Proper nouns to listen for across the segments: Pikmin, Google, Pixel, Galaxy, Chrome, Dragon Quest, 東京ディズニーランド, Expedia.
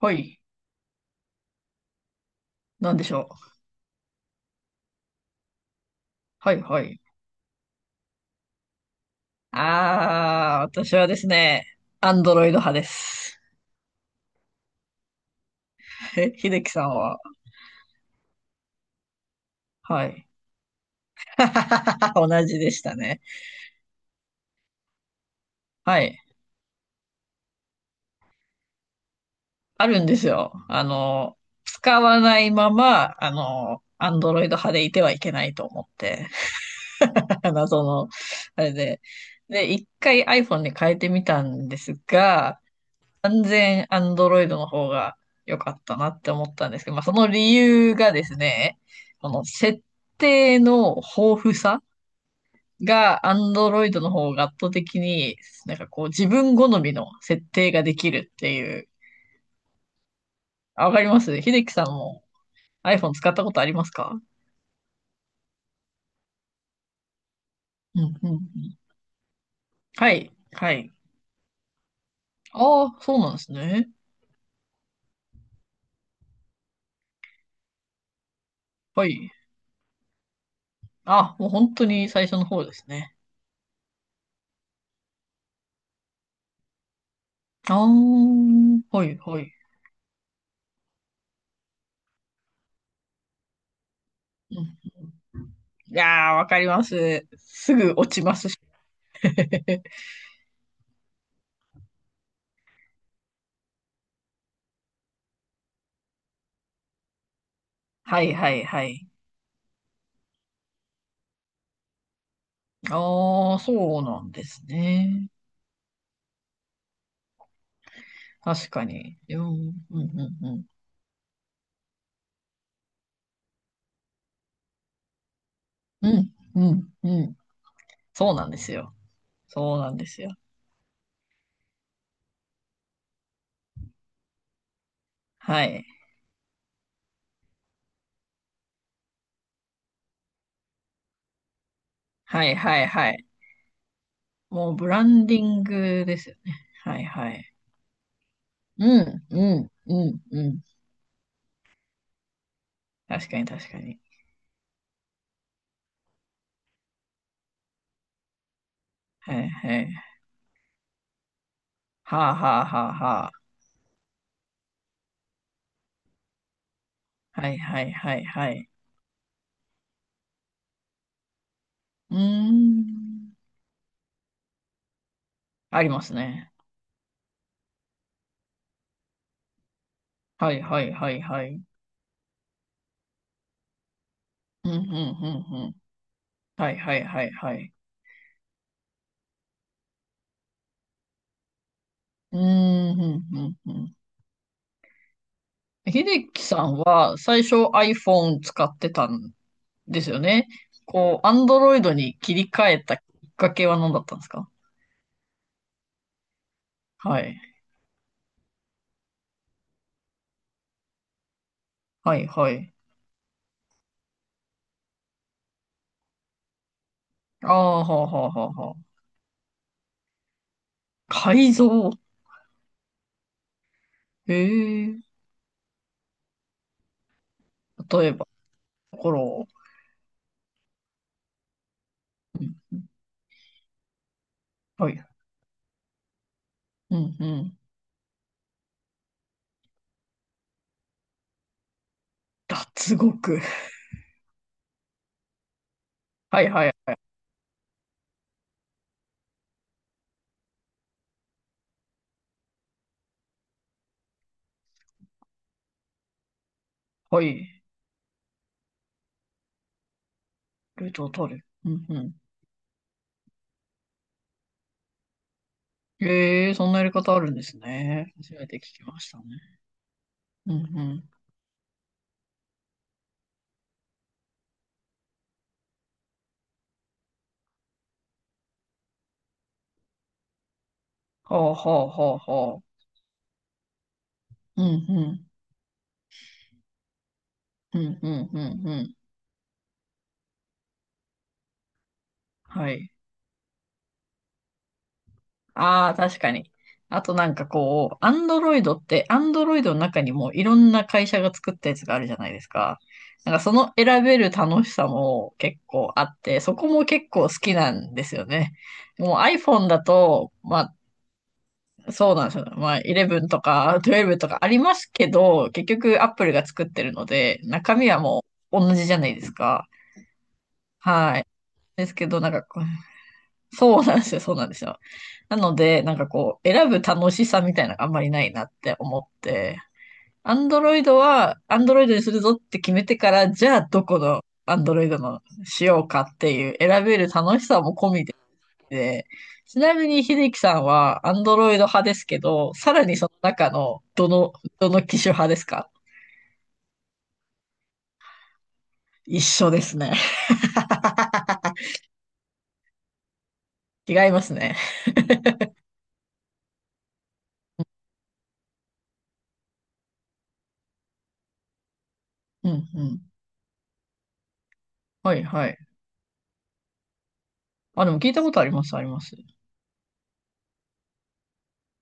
はい。なんでしょう。はいはい。私はですね、アンドロイド派です。え、秀樹さんは、はい。同じでしたね。はい。あるんですよ。使わないまま、アンドロイド派でいてはいけないと思って。謎の、あれで。で、一回 iPhone に変えてみたんですが、完全アンドロイドの方が良かったなって思ったんですけど、まあ、その理由がですね、この設定の豊富さがアンドロイドの方が圧倒的に、なんかこう自分好みの設定ができるっていう。あ、わかります。秀樹さんも iPhone 使ったことありますか？うんうんうん。はい、はい。ああ、そうなんですね。はい。あ、もう本当に最初の方ですね。ああ、はい、はい。うん、いやー、わかります。すぐ落ちますし。はいはいはい。ああ、そうなんですね。確かに。うん、うん、うん、うん。うん、うん、うん。そうなんですよ。そうなんですよ。はい。はいはいはい。もうブランディングですよね。はいはい。うん、うん、うん、うん。確かに確かに。はいはい。はあはあはあはあ。はいはいはいはい。うーん。ありますね。はいはいはいはい。うん、うん、うん、うん。はいはいはいはい。うん、うん、うん、うん。秀樹さんは最初 iPhone 使ってたんですよね。こう、Android に切り替えたきっかけは何だったんですか？はい。はいはい。ああ、はあはあはあはあ。改造。へえ。例えば、ところを。うん。はい。うんうん。脱獄。はいはい。はい。ルートを取る。うんうん。ええ、そんなやり方あるんですね。初めて聞きましたね。うんうん。はあはあはあはあ。うんうん。うんうんうんうん。はい。ああ、確かに。あとなんかこう、アンドロイドって、アンドロイドの中にもいろんな会社が作ったやつがあるじゃないですか。なんかその選べる楽しさも結構あって、そこも結構好きなんですよね。もう iPhone だと、まあ、そうなんですよ。まあ、11とか12とかありますけど、結局 Apple が作ってるので、中身はもう同じじゃないですか。はい。ですけど、なんかこう、そうなんですよ、そうなんですよ。なので、なんかこう、選ぶ楽しさみたいなのがあんまりないなって思って、Android は Android にするぞって決めてから、じゃあどこの Android のしようかっていう、選べる楽しさも込みで、ちなみに秀樹さんはアンドロイド派ですけど、さらにその中の、どの機種派ですか？一緒ですね。違いますね。うんうん。はいはい。あ、でも聞いたことあります、あります。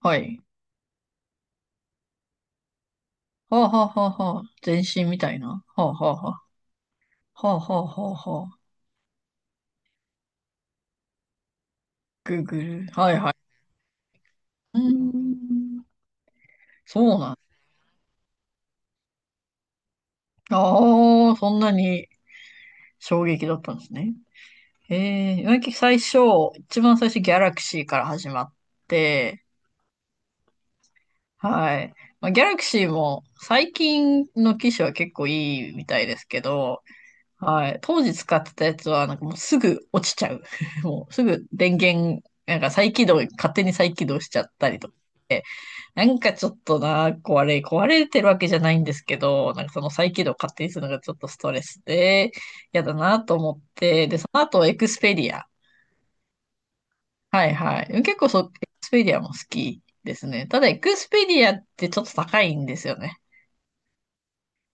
はい。はあはあはあはあ。全身みたいな。はあはあはあ。はあはあはあはあ。グーグル。はいはい。うーん。そうなん。ああ、そんなに衝撃だったんですね。ええ、最初、一番最初ギャラクシーから始まって、はい。まあ、ギャラクシーも最近の機種は結構いいみたいですけど、はい。当時使ってたやつはなんかもうすぐ落ちちゃう。もうすぐ電源、なんか再起動、勝手に再起動しちゃったりとかして。なんかちょっとな、壊れてるわけじゃないんですけど、なんかその再起動を勝手にするのがちょっとストレスで、嫌だなと思って、で、その後エクスペディア。はいはい。結構そう、エクスペディアも好きですね。ただエクスペディアってちょっと高いんですよね。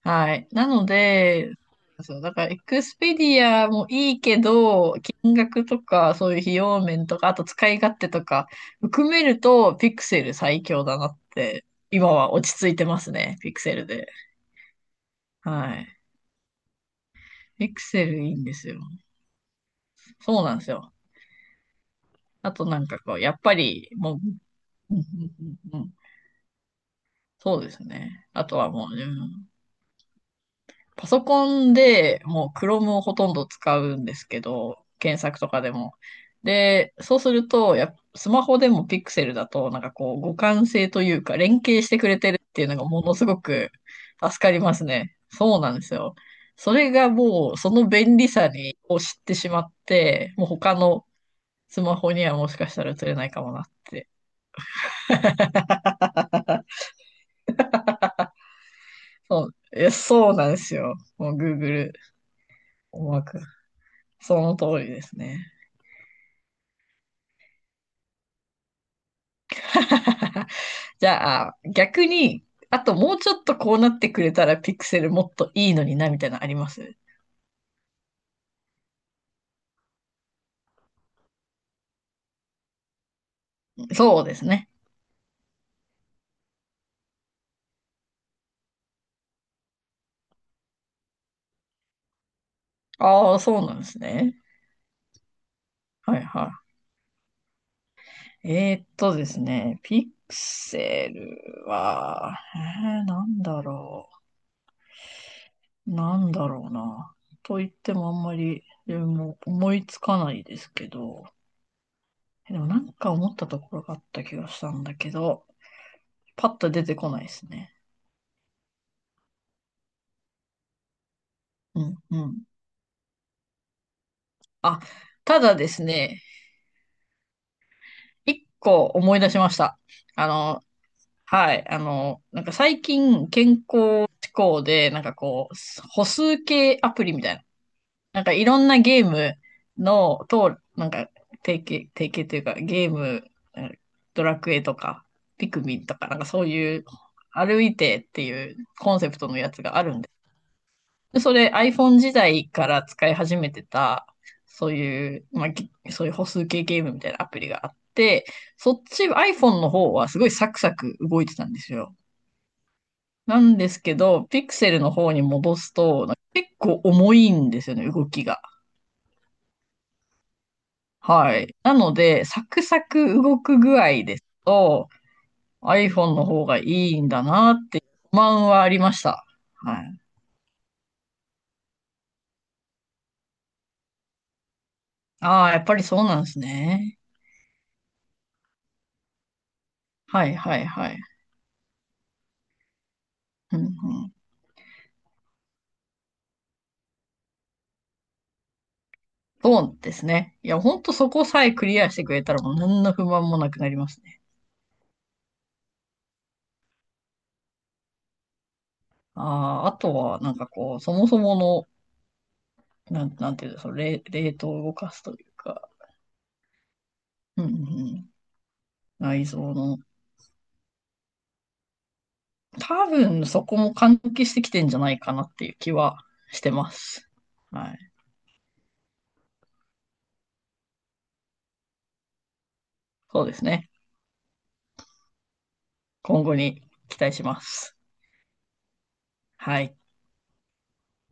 はい。なので、そう、だから、エクスペディアもいいけど、金額とか、そういう費用面とか、あと使い勝手とか、含めると、ピクセル最強だなって、今は落ち着いてますね、ピクセルで。はい。ピクセルいいんですよ。そうなんですよ。あとなんかこう、やっぱり、もう、うんうんうんうん、そうですね。あとはもう、うん、パソコンでもう Chrome をほとんど使うんですけど、検索とかでも。で、そうすると、やっぱスマホでも Pixel だと、なんかこう、互換性というか、連携してくれてるっていうのがものすごく助かりますね。そうなんですよ。それがもう、その便利さにを知ってしまって、もう他のスマホにはもしかしたら映れないかもなって。そう、いや、そうなんですよ。もう Google 思惑。その通りですね。じゃあ、逆に、あともうちょっとこうなってくれたらピクセルもっといいのにな、みたいなのあります？そうですね。ああ、そうなんですね。はいはい。ですね、ピクセルは、なんだろう。なんだろうな。と言ってもあんまり自分も思いつかないですけど、でもなんか思ったところがあった気がしたんだけど、パッと出てこないですね。うんうん。あ、ただですね、一個思い出しました。あの、はい。なんか最近健康志向で、なんかこう、歩数計アプリみたいな。なんかいろんなゲームの、と、なんか提携というかゲーム、うん、ドラクエとか、ピクミンとか、なんかそういう歩いてっていうコンセプトのやつがあるんで、それ iPhone 時代から使い始めてた、そういう、まあ、そういう歩数計ゲームみたいなアプリがあって、そっち iPhone の方はすごいサクサク動いてたんですよ。なんですけど、ピクセルの方に戻すと、なんか結構重いんですよね、動きが。はい。なので、サクサク動く具合ですと、iPhone の方がいいんだなって不満はありました。はい。ああ、やっぱりそうなんですね。はいはいはい。うんうん、そうですね。いや、ほんとそこさえクリアしてくれたらもう何の不満もなくなりますね。ああ、あとは、なんかこう、そもそもの、なんていうんですか、レートを動かすというか、うんうんうん、内臓の、多分そこも関係してきてんじゃないかなっていう気はしてます。はい。そうですね。今後に期待します。はい。